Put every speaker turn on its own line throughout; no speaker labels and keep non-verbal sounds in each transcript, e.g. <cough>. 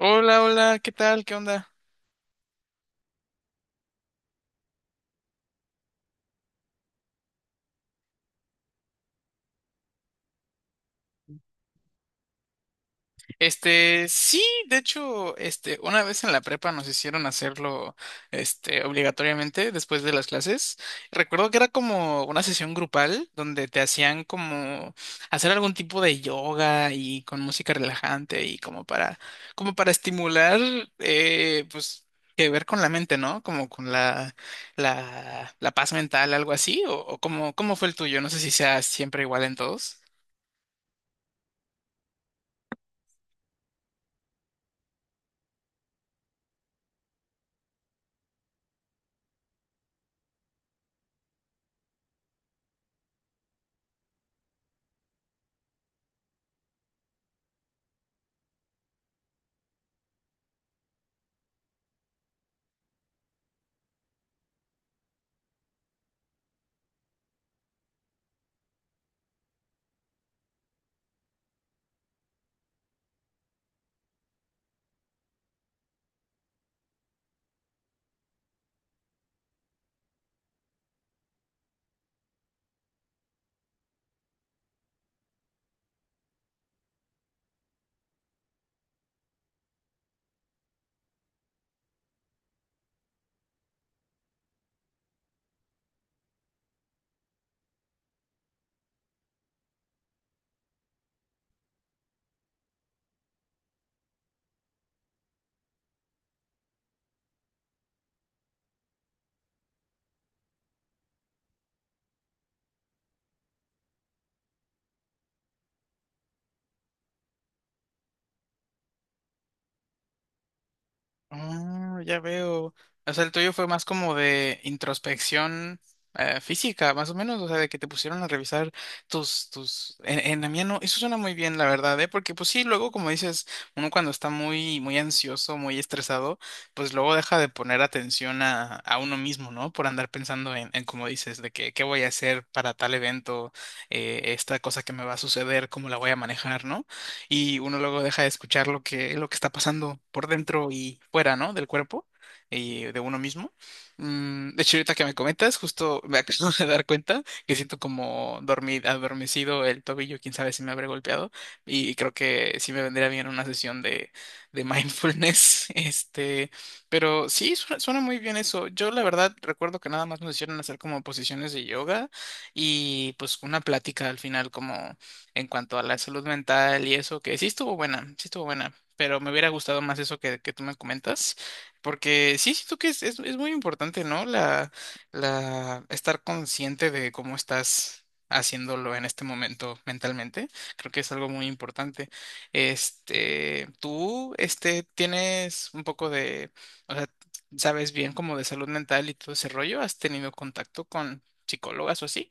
Hola, hola, ¿qué tal? ¿Qué onda? Sí, de hecho, una vez en la prepa nos hicieron hacerlo, obligatoriamente después de las clases. Recuerdo que era como una sesión grupal donde te hacían como hacer algún tipo de yoga y con música relajante y como para estimular, pues, que ver con la mente, ¿no? Como con la paz mental, algo así, o cómo, cómo fue el tuyo. No sé si sea siempre igual en todos. Ah, ya veo. O sea, el tuyo fue más como de introspección física, más o menos, o sea, de que te pusieron a revisar en la mía no, eso suena muy bien, la verdad, ¿eh? Porque pues sí, luego, como dices, uno cuando está muy ansioso, muy estresado, pues luego deja de poner atención a uno mismo, ¿no? Por andar pensando como dices, de que qué voy a hacer para tal evento, esta cosa que me va a suceder, cómo la voy a manejar, ¿no? Y uno luego deja de escuchar lo que está pasando por dentro y fuera, ¿no? Del cuerpo y de uno mismo. De hecho, ahorita que me comentas, justo me acabo <laughs> de dar cuenta que siento como dormir, adormecido el tobillo, quién sabe si me habré golpeado y creo que sí me vendría bien una sesión de mindfulness, <laughs> pero sí, suena muy bien eso. Yo la verdad recuerdo que nada más nos hicieron hacer como posiciones de yoga y pues una plática al final en cuanto a la salud mental y eso, que sí estuvo buena, pero me hubiera gustado más eso que tú me comentas, porque sí siento que es muy importante, ¿no? La estar consciente de cómo estás haciéndolo en este momento mentalmente, creo que es algo muy importante. Tú, tienes un poco de, o sea, sabes bien como de salud mental y todo ese rollo, ¿has tenido contacto con psicólogas o así?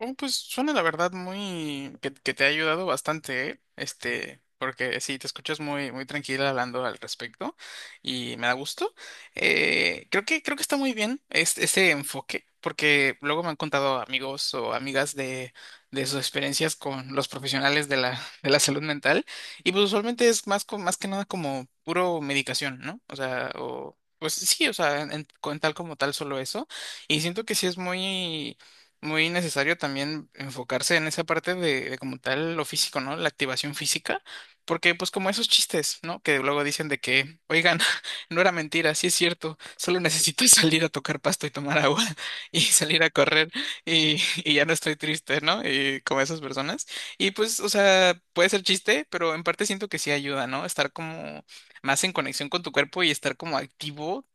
Oh, pues suena la verdad muy que te ha ayudado bastante, ¿eh? Porque sí, te escuchas muy tranquila hablando al respecto y me da gusto. Eh, creo que está muy bien ese enfoque, porque luego me han contado amigos o amigas de sus experiencias con los profesionales de la salud mental, y pues usualmente es más, más que nada como puro medicación, ¿no? O sea, o pues sí, o sea, con tal como tal solo eso. Y siento que sí es muy necesario también enfocarse en esa parte de como tal lo físico, ¿no? La activación física, porque pues como esos chistes, ¿no? Que luego dicen de que, oigan, <laughs> no era mentira, sí es cierto, solo necesito <laughs> salir a tocar pasto y tomar agua <laughs> y salir a correr y ya no estoy triste, ¿no? Y como esas personas. Y pues, o sea, puede ser chiste, pero en parte siento que sí ayuda, ¿no? Estar como más en conexión con tu cuerpo y estar como activo,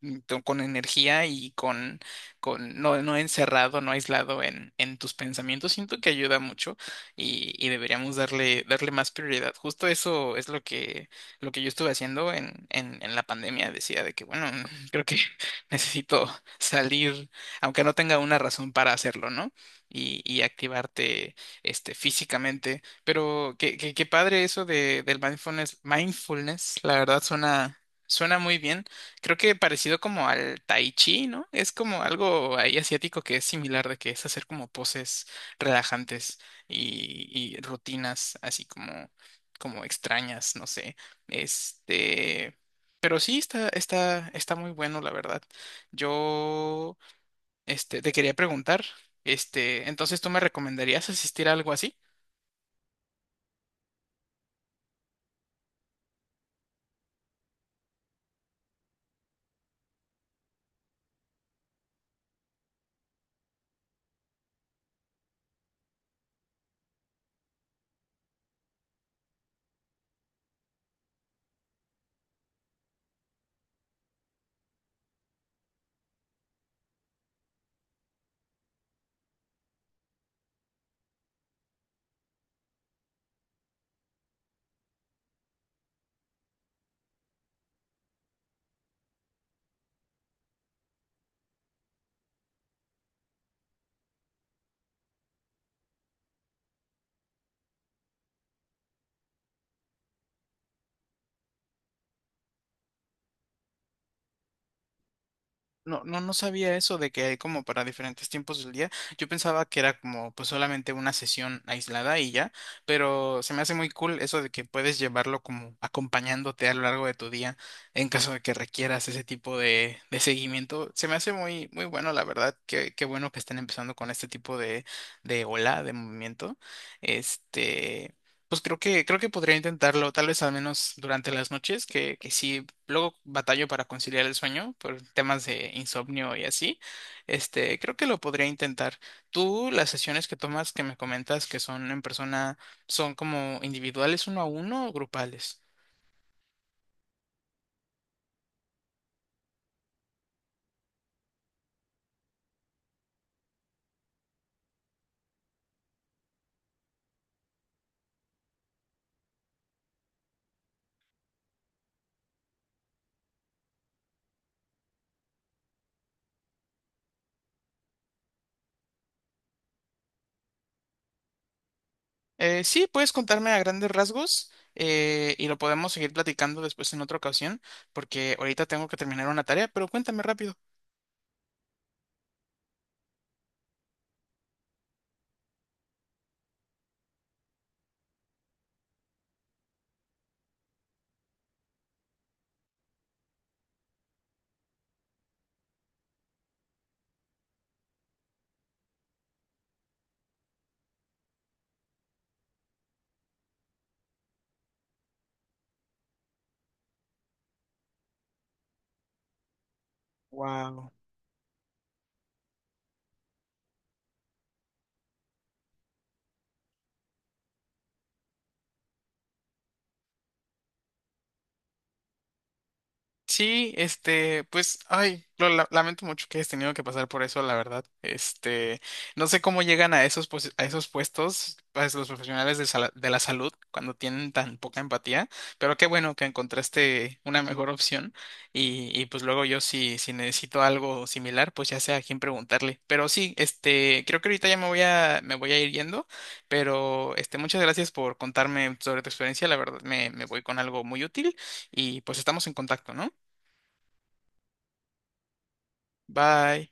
con energía y con no, no encerrado, no aislado en tus pensamientos, siento que ayuda mucho y deberíamos darle más prioridad. Justo eso es lo que yo estuve haciendo en la pandemia. Decía de que, bueno, <laughs> creo que necesito salir, aunque no tenga una razón para hacerlo, ¿no? Y activarte físicamente. Pero qué padre eso del mindfulness. Mindfulness, la verdad, suena muy bien. Creo que parecido como al tai chi, ¿no? Es como algo ahí asiático que es similar, de que es hacer como poses relajantes y rutinas así como extrañas, no sé. Este, pero sí está muy bueno, la verdad. Yo, te quería preguntar, entonces, ¿tú me recomendarías asistir a algo así? No, no sabía eso de que hay como para diferentes tiempos del día. Yo pensaba que era como pues solamente una sesión aislada y ya, pero se me hace muy cool eso de que puedes llevarlo como acompañándote a lo largo de tu día en caso de que requieras ese tipo de seguimiento. Se me hace muy bueno, la verdad. Qué bueno que estén empezando con este tipo de ola, de movimiento. Este. Pues creo que podría intentarlo, tal vez al menos durante las noches, que sí, luego batallo para conciliar el sueño por temas de insomnio y así. Creo que lo podría intentar. Tú, las sesiones que tomas que me comentas que son en persona, ¿son como individuales uno a uno o grupales? Sí, puedes contarme a grandes rasgos y lo podemos seguir platicando después en otra ocasión, porque ahorita tengo que terminar una tarea, pero cuéntame rápido. Wow. Sí, pues, ay, lamento mucho que hayas tenido que pasar por eso, la verdad. No sé cómo llegan a esos, a esos puestos, pues, los profesionales de, de la salud cuando tienen tan poca empatía, pero qué bueno que encontraste una mejor opción y pues luego yo si necesito algo similar, pues ya sé a quién preguntarle. Pero sí, creo que ahorita ya me voy a ir yendo, pero muchas gracias por contarme sobre tu experiencia, la verdad me voy con algo muy útil y pues estamos en contacto, ¿no? Bye.